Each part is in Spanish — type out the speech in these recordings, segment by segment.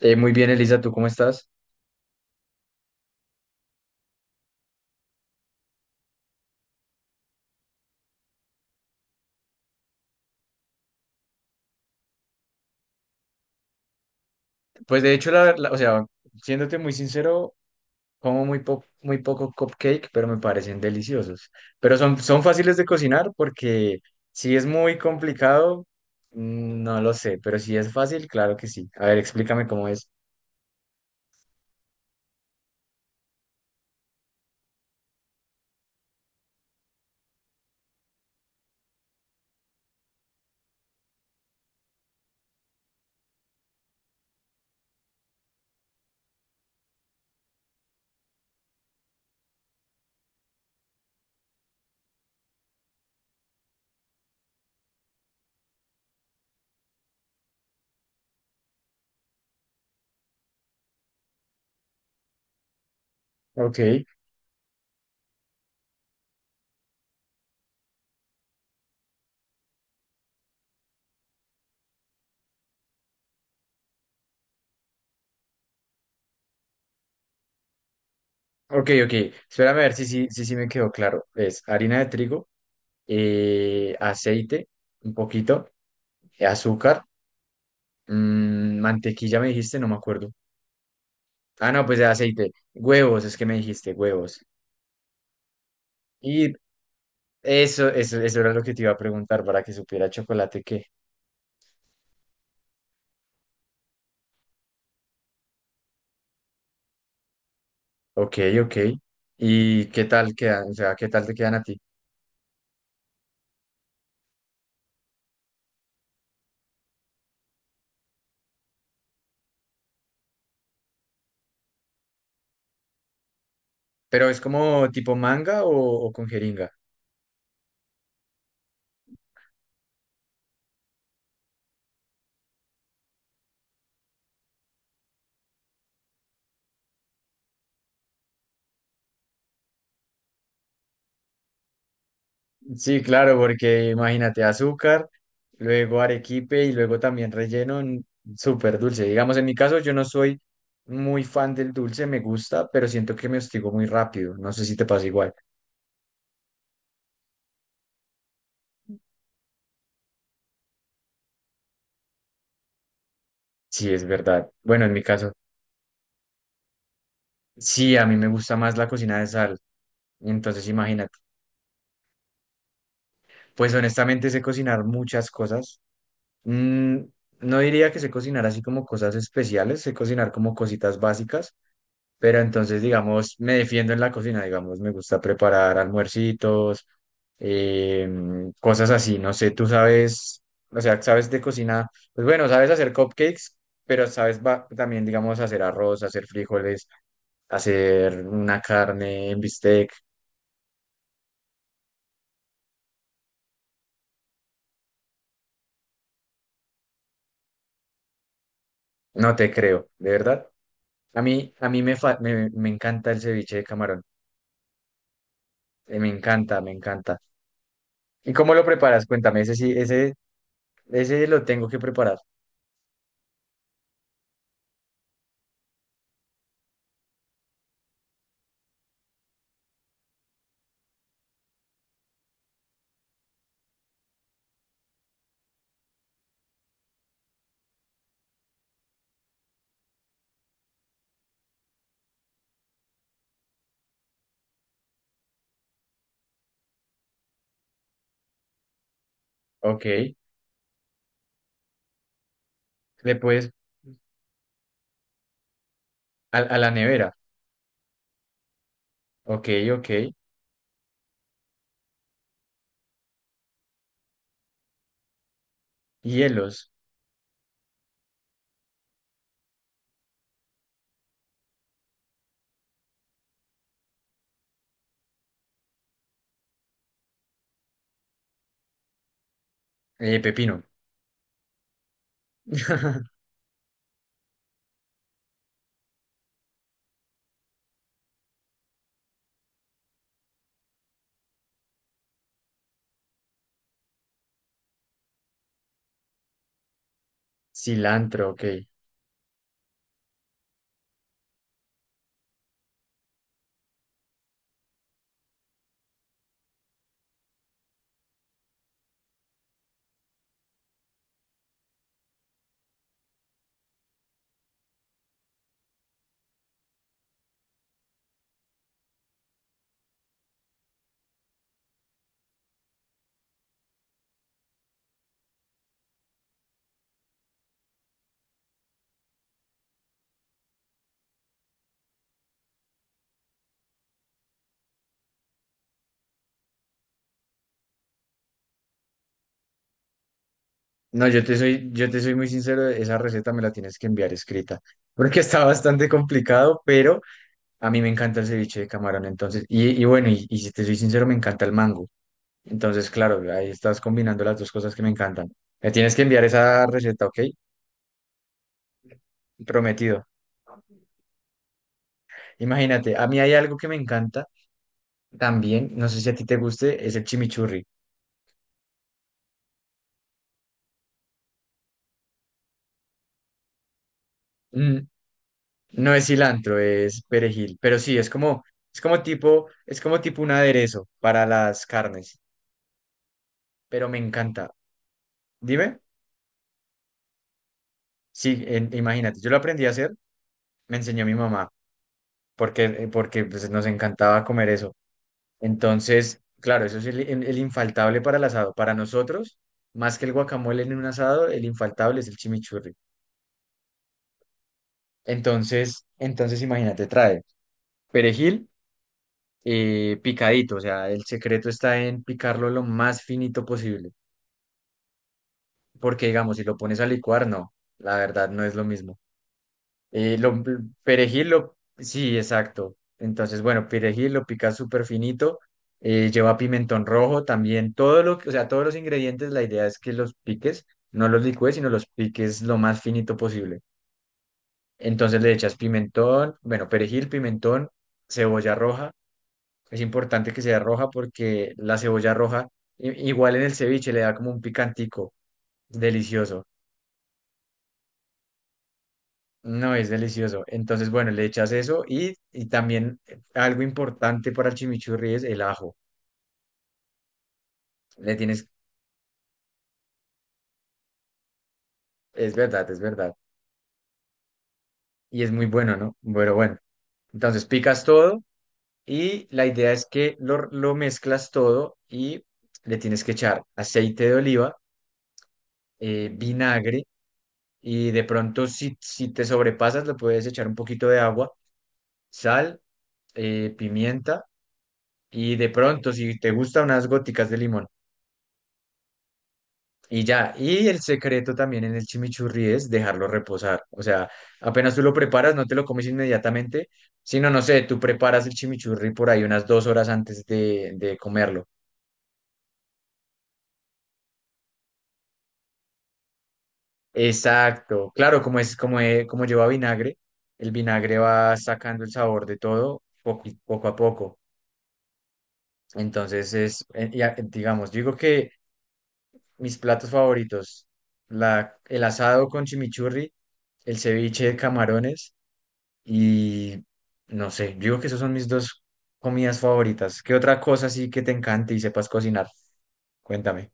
Muy bien, Elisa, ¿tú cómo estás? Pues de hecho, siéndote muy sincero, como muy, muy poco cupcake, pero me parecen deliciosos. Pero son fáciles de cocinar porque si es muy complicado, no lo sé, pero si es fácil, claro que sí. A ver, explícame cómo es. Ok, ok, ok. Espérame a ver si me quedó claro. Es harina de trigo, aceite, un poquito, azúcar, mantequilla me dijiste, no me acuerdo. Ah, no, pues de aceite. Huevos, es que me dijiste, huevos. Y eso era lo que te iba a preguntar para que supiera chocolate qué. Ok, ok. ¿Y qué tal quedan? O sea, ¿qué tal te quedan a ti? ¿Pero es como tipo manga o con jeringa? Sí, claro, porque imagínate azúcar, luego arequipe y luego también relleno, súper dulce. Digamos, en mi caso yo no soy muy fan del dulce, me gusta, pero siento que me hostigo muy rápido. No sé si te pasa igual. Sí, es verdad. Bueno, en mi caso. Sí, a mí me gusta más la cocina de sal. Entonces, imagínate. Pues honestamente sé cocinar muchas cosas. Mm, no diría que sé cocinar así como cosas especiales, sé cocinar como cositas básicas, pero entonces, digamos, me defiendo en la cocina, digamos, me gusta preparar almuercitos, cosas así. No sé, tú sabes, o sea, sabes de cocina, pues bueno, sabes hacer cupcakes, pero sabes también, digamos, hacer arroz, hacer frijoles, hacer una carne en bistec. No te creo, de verdad. A mí, me encanta el ceviche de camarón. Me encanta. ¿Y cómo lo preparas? Cuéntame, ese lo tengo que preparar. Ok. Le puedes a la nevera. Ok, ok. Hielos. Pepino. Cilantro, ok. No, yo te soy muy sincero, esa receta me la tienes que enviar escrita, porque está bastante complicado, pero a mí me encanta el ceviche de camarón, entonces, y bueno, y si te soy sincero, me encanta el mango. Entonces, claro, ahí estás combinando las dos cosas que me encantan. Me tienes que enviar esa receta, ¿ok? Prometido. Imagínate, a mí hay algo que me encanta también, no sé si a ti te guste, es el chimichurri. Mm, no es cilantro, es perejil, pero sí, es como tipo un aderezo para las carnes, pero me encanta. Dime, sí, imagínate, yo lo aprendí a hacer, me enseñó mi mamá, porque pues, nos encantaba comer eso. Entonces, claro, eso es el infaltable para el asado. Para nosotros, más que el guacamole en un asado, el infaltable es el chimichurri. Entonces imagínate, trae perejil picadito, o sea, el secreto está en picarlo lo más finito posible, porque digamos, si lo pones a licuar, no, la verdad no es lo mismo. Eh, lo, perejil, sí, exacto. Entonces, bueno, perejil lo picas súper finito, lleva pimentón rojo también, todo lo que, o sea, todos los ingredientes, la idea es que los piques, no los licúes, sino los piques lo más finito posible. Entonces le echas pimentón, bueno, perejil, pimentón, cebolla roja. Es importante que sea roja porque la cebolla roja, igual en el ceviche, le da como un picantico delicioso. No, es delicioso. Entonces, bueno, le echas eso y también algo importante para el chimichurri es el ajo. Le tienes, es verdad, es verdad. Y es muy bueno, ¿no? Bueno, bueno. Entonces picas todo y la idea es que lo mezclas todo y le tienes que echar aceite de oliva, vinagre y de pronto si te sobrepasas le puedes echar un poquito de agua, sal, pimienta y de pronto si te gustan unas góticas de limón. Y ya, y el secreto también en el chimichurri es dejarlo reposar. O sea, apenas tú lo preparas, no te lo comes inmediatamente, sino, no sé, tú preparas el chimichurri por ahí unas dos horas antes de comerlo. Exacto. Claro, como como lleva vinagre, el vinagre va sacando el sabor de todo poco a poco. Entonces ya, digamos, digo que mis platos favoritos, el asado con chimichurri, el ceviche de camarones. Y no sé, yo digo que esas son mis dos comidas favoritas. ¿Qué otra cosa sí que te encante y sepas cocinar? Cuéntame.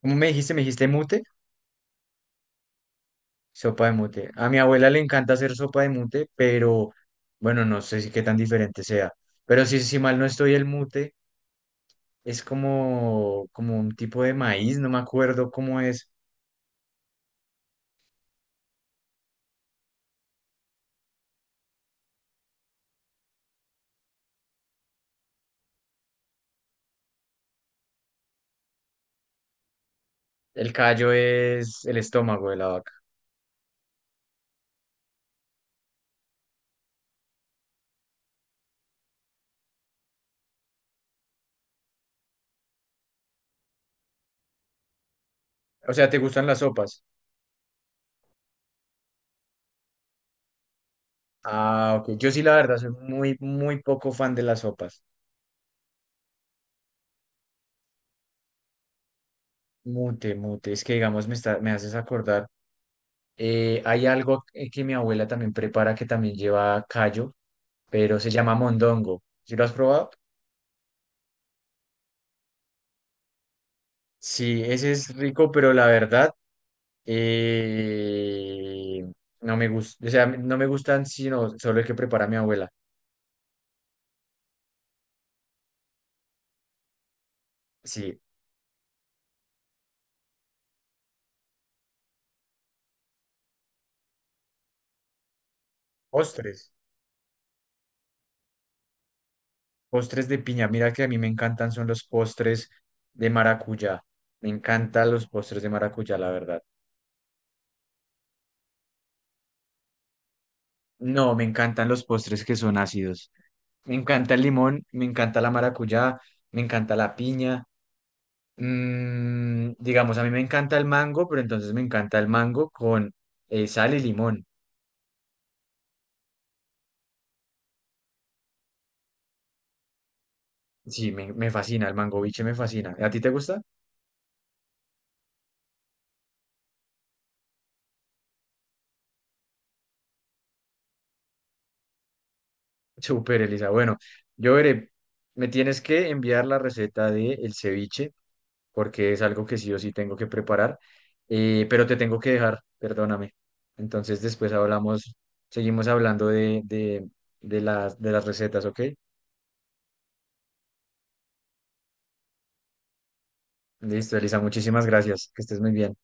¿Cómo me dijiste? ¿Me dijiste mute? Sopa de mute. A mi abuela le encanta hacer sopa de mute, pero bueno, no sé si qué tan diferente sea. Pero si, si mal no estoy, el mute es como un tipo de maíz, no me acuerdo cómo es. El callo es el estómago de la vaca. O sea, ¿te gustan las sopas? Ah, ok. Yo sí, la verdad, soy muy, muy poco fan de las sopas. Mute, mute. Es que, digamos, me haces acordar. Hay algo que mi abuela también prepara que también lleva callo, pero se llama mondongo. ¿Sí lo has probado? Sí, ese es rico, pero la verdad, eh, no me gusta. O sea, no me gustan sino solo el que prepara mi abuela. Sí, postres. Postres de piña. Mira que a mí me encantan son los postres de maracuyá. Me encantan los postres de maracuyá, la verdad. No, me encantan los postres que son ácidos. Me encanta el limón, me encanta la maracuyá, me encanta la piña. Mm, digamos, a mí me encanta el mango, pero entonces me encanta el mango con sal y limón. Sí, me fascina, el mango biche me fascina. ¿A ti te gusta? Súper, Elisa. Bueno, yo veré, me tienes que enviar la receta de el ceviche, porque es algo que sí o sí tengo que preparar, pero te tengo que dejar, perdóname. Entonces después hablamos, seguimos hablando de de las recetas, ¿ok? Listo, Elisa, muchísimas gracias. Que estés muy bien.